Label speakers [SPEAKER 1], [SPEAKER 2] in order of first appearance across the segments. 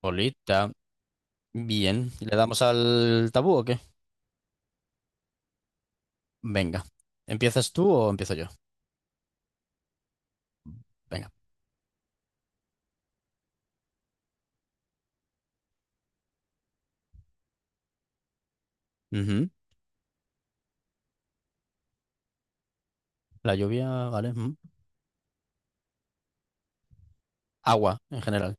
[SPEAKER 1] Polita, bien. ¿Le damos al tabú o qué? Venga. ¿Empiezas tú o empiezo yo? Venga. Ujú. La lluvia, vale. Ujú. Agua, en general.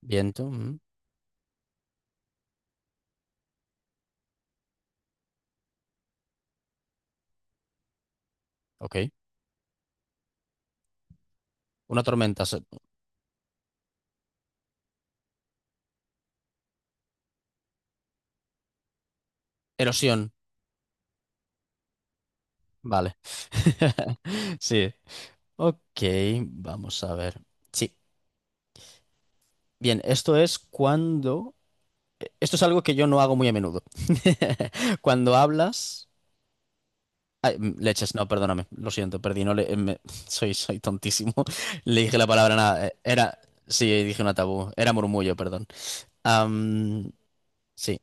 [SPEAKER 1] Viento, ujú. Ok. Una tormenta, se- erosión, vale. Sí. Ok, vamos a ver. Sí. Bien, esto es cuando... Esto es algo que yo no hago muy a menudo. Cuando hablas... Ay, leches, no, perdóname, lo siento, perdí, no le, me- soy tontísimo. Le dije la palabra nada, era, sí, dije una tabú, era murmullo, perdón. Am, sí,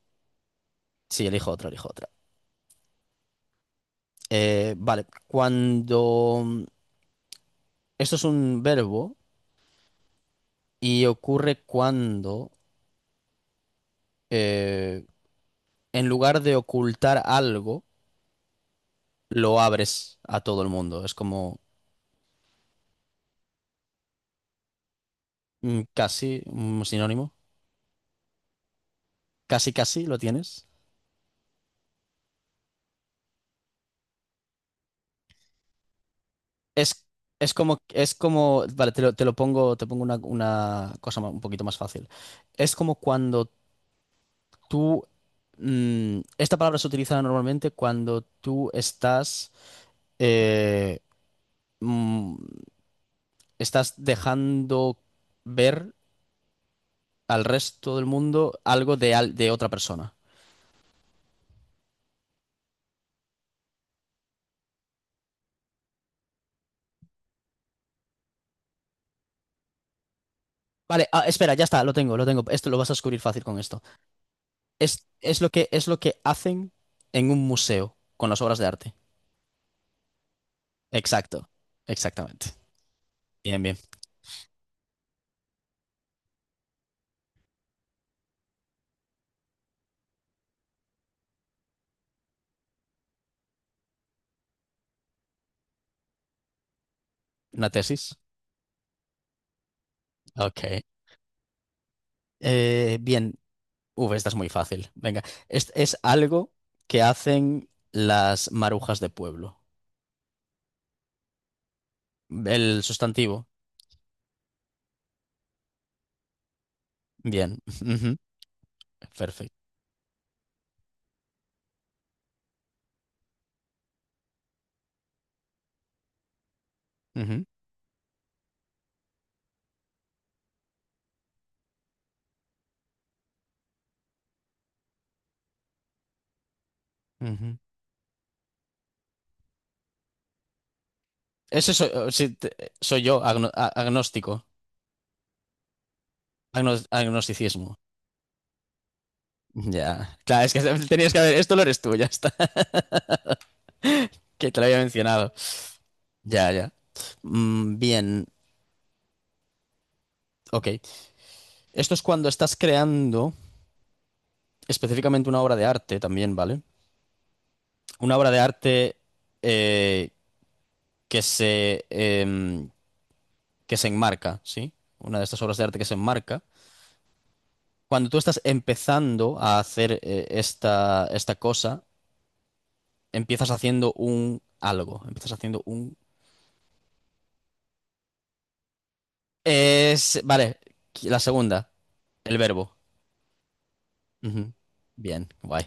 [SPEAKER 1] sí, elijo otra, elijo otra. Vale, cuando, esto es un verbo y ocurre cuando, eh, en lugar de ocultar algo, lo abres a todo el mundo. Es como casi un sinónimo, casi, casi lo tienes. Es, es como, vale, te lo pongo, te pongo una cosa ma- un poquito más fácil. Es como cuando tú, mm, esta palabra se utiliza normalmente cuando tú estás, eh, mm, estás dejando ver al resto del mundo algo de, al- de otra persona. Vale, ah, espera, ya está, lo tengo, lo tengo. Esto lo vas a descubrir fácil con esto. Es lo que hacen en un museo con las obras de arte. Exacto, exactamente. Bien, bien. ¿Una tesis? Ok. Bien. Uf, esta es muy fácil. Venga, es algo que hacen las marujas de pueblo. El sustantivo. Bien. Ujú. Perfecto. Ujú. Ujú. Ese soy, o- sí, te- soy yo, agno- a- agnóstico. Agnos- agnosticismo. Ya. Claro, es que tenías que haber. Esto lo eres tú, ya está. Que te lo había mencionado. Ya, ya. Mm, bien. Ok. Esto es cuando estás creando específicamente una obra de arte también, ¿vale? Una obra de arte eh, que se, que se enmarca, ¿sí? Una de estas obras de arte que se enmarca. Cuando tú estás empezando a hacer esta, esta cosa, empiezas haciendo un algo, empiezas haciendo un... Es, vale, la segunda, el verbo. Ujú. Bien, guay.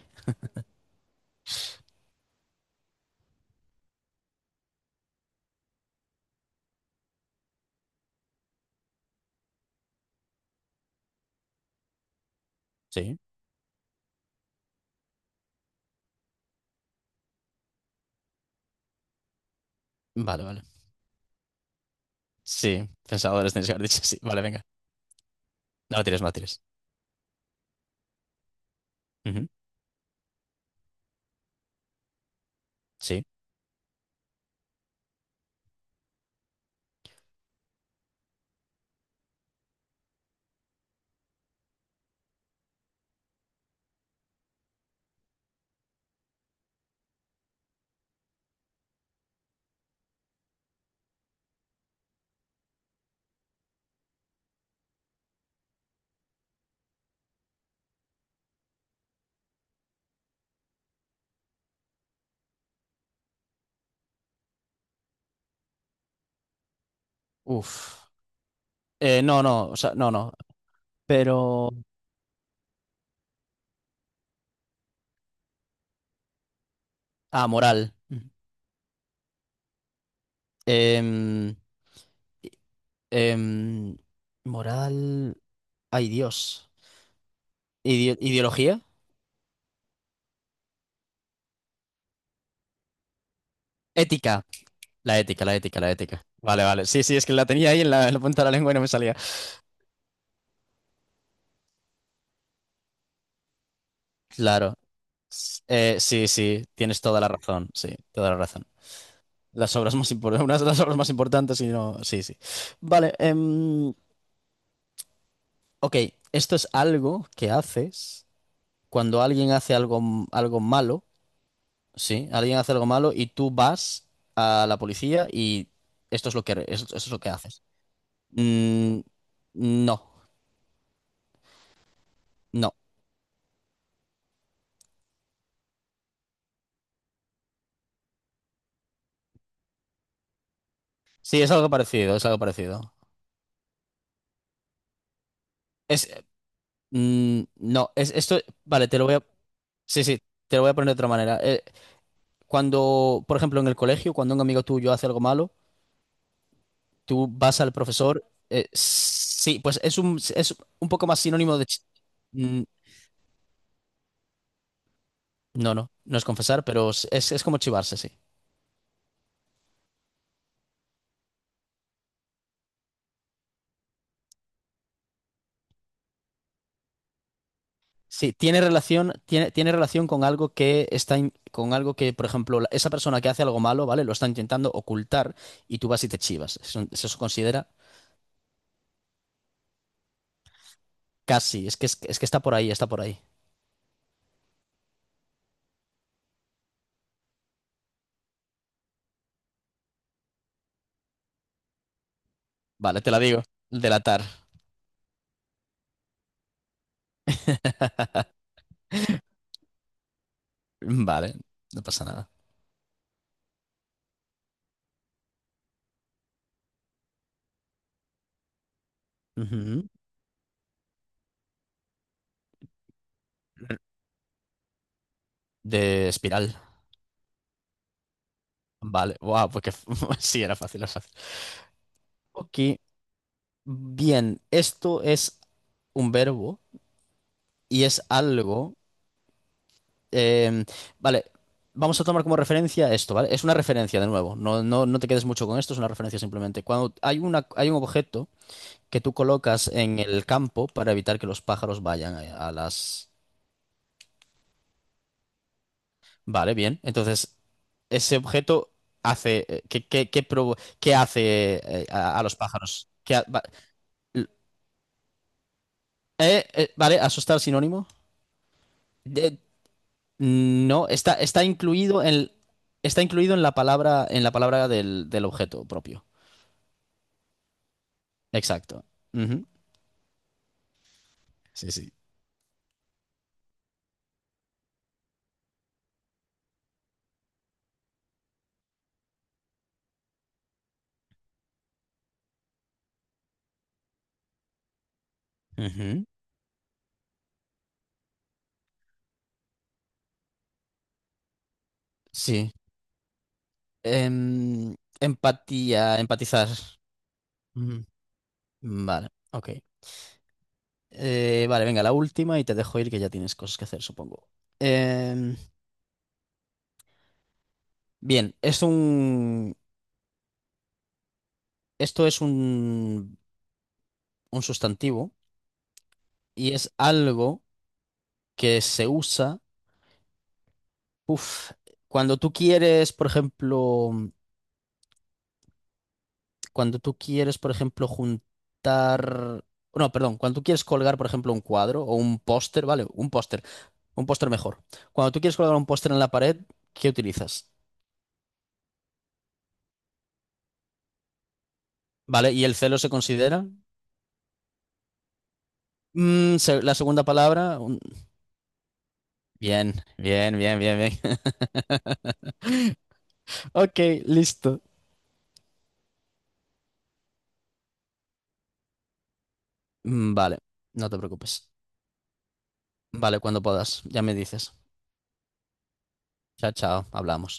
[SPEAKER 1] Sí. Vale, vale. Sí, pensadores tenéis que haber dicho, sí. Vale, venga. No tires, no tires. Ujú. Sí. Uf. No, no, o sea, no, no. Pero... Ah, moral. Em, em, moral. Ay, Dios. Ideo- ideología. Ética. La ética, la ética, la ética. Vale, vale. Sí, sí, es que la tenía ahí en la punta de la lengua y no me salía. Claro. S- sí, sí, tienes toda la razón. Sí, toda la razón. Las obras más importantes, una de las obras más importantes y no. Sí, sí. Vale. Em, ok, esto es algo que haces cuando alguien hace algo, m- algo malo. Sí, alguien hace algo malo y tú vas a la policía y esto es lo que, esto, es lo que haces. Mm, no, no. Sí, es algo parecido, es algo parecido. Es, mm, no, es esto, vale, te lo voy a, sí, sí, te lo voy a poner de otra manera. Cuando, por ejemplo, en el colegio, cuando un amigo tuyo hace algo malo, tú vas al profesor, sí, pues es un poco más sinónimo de, chi- mm, no, no, no es confesar, pero es como chivarse, sí. Sí, tiene relación, tiene, tiene relación con algo que está, in- con algo que, por ejemplo, la- esa persona que hace algo malo, ¿vale? Lo está intentando ocultar y tú vas y te chivas. Eso se considera casi, es que está por ahí, está por ahí. Vale, te la digo. Delatar. Vale, no pasa nada. Ujú. De espiral. Vale, wow, porque sí, era fácil, era fácil. Ok, bien, esto es un verbo y es algo. Eh, vale, vamos a tomar como referencia esto, ¿vale? Es una referencia de nuevo, no, no, no te quedes mucho con esto, es una referencia simplemente. Cuando hay una, hay un objeto que tú colocas en el campo para evitar que los pájaros vayan a las... Vale, bien. Entonces, ese objeto hace... ¿qué, qué, qué provo- qué hace a los pájaros? ¿Qué ha- va- l- vale, asustar sinónimo. De- no, está, está incluido en la palabra del, del objeto propio. Exacto. Ujú. Sí, sí. Ujú. Sí. Em, empatía, empatizar. Ujú. Vale, ok. Vale, venga, la última y te dejo ir que ya tienes cosas que hacer, supongo. Em, bien, es un, esto es un sustantivo y es algo que se usa, uf, cuando tú quieres, por ejemplo. Cuando tú quieres, por ejemplo, juntar... No, perdón, cuando tú quieres colgar, por ejemplo, un cuadro o un póster, ¿vale? Un póster mejor. Cuando tú quieres colgar un póster en la pared, ¿qué utilizas? ¿Vale? ¿Y el celo se considera? Mm, se- la segunda palabra. Un- bien, bien, bien, bien, bien. Ok, listo. Mm, vale, no te preocupes. Vale, cuando puedas, ya me dices. Chao, chao, hablamos.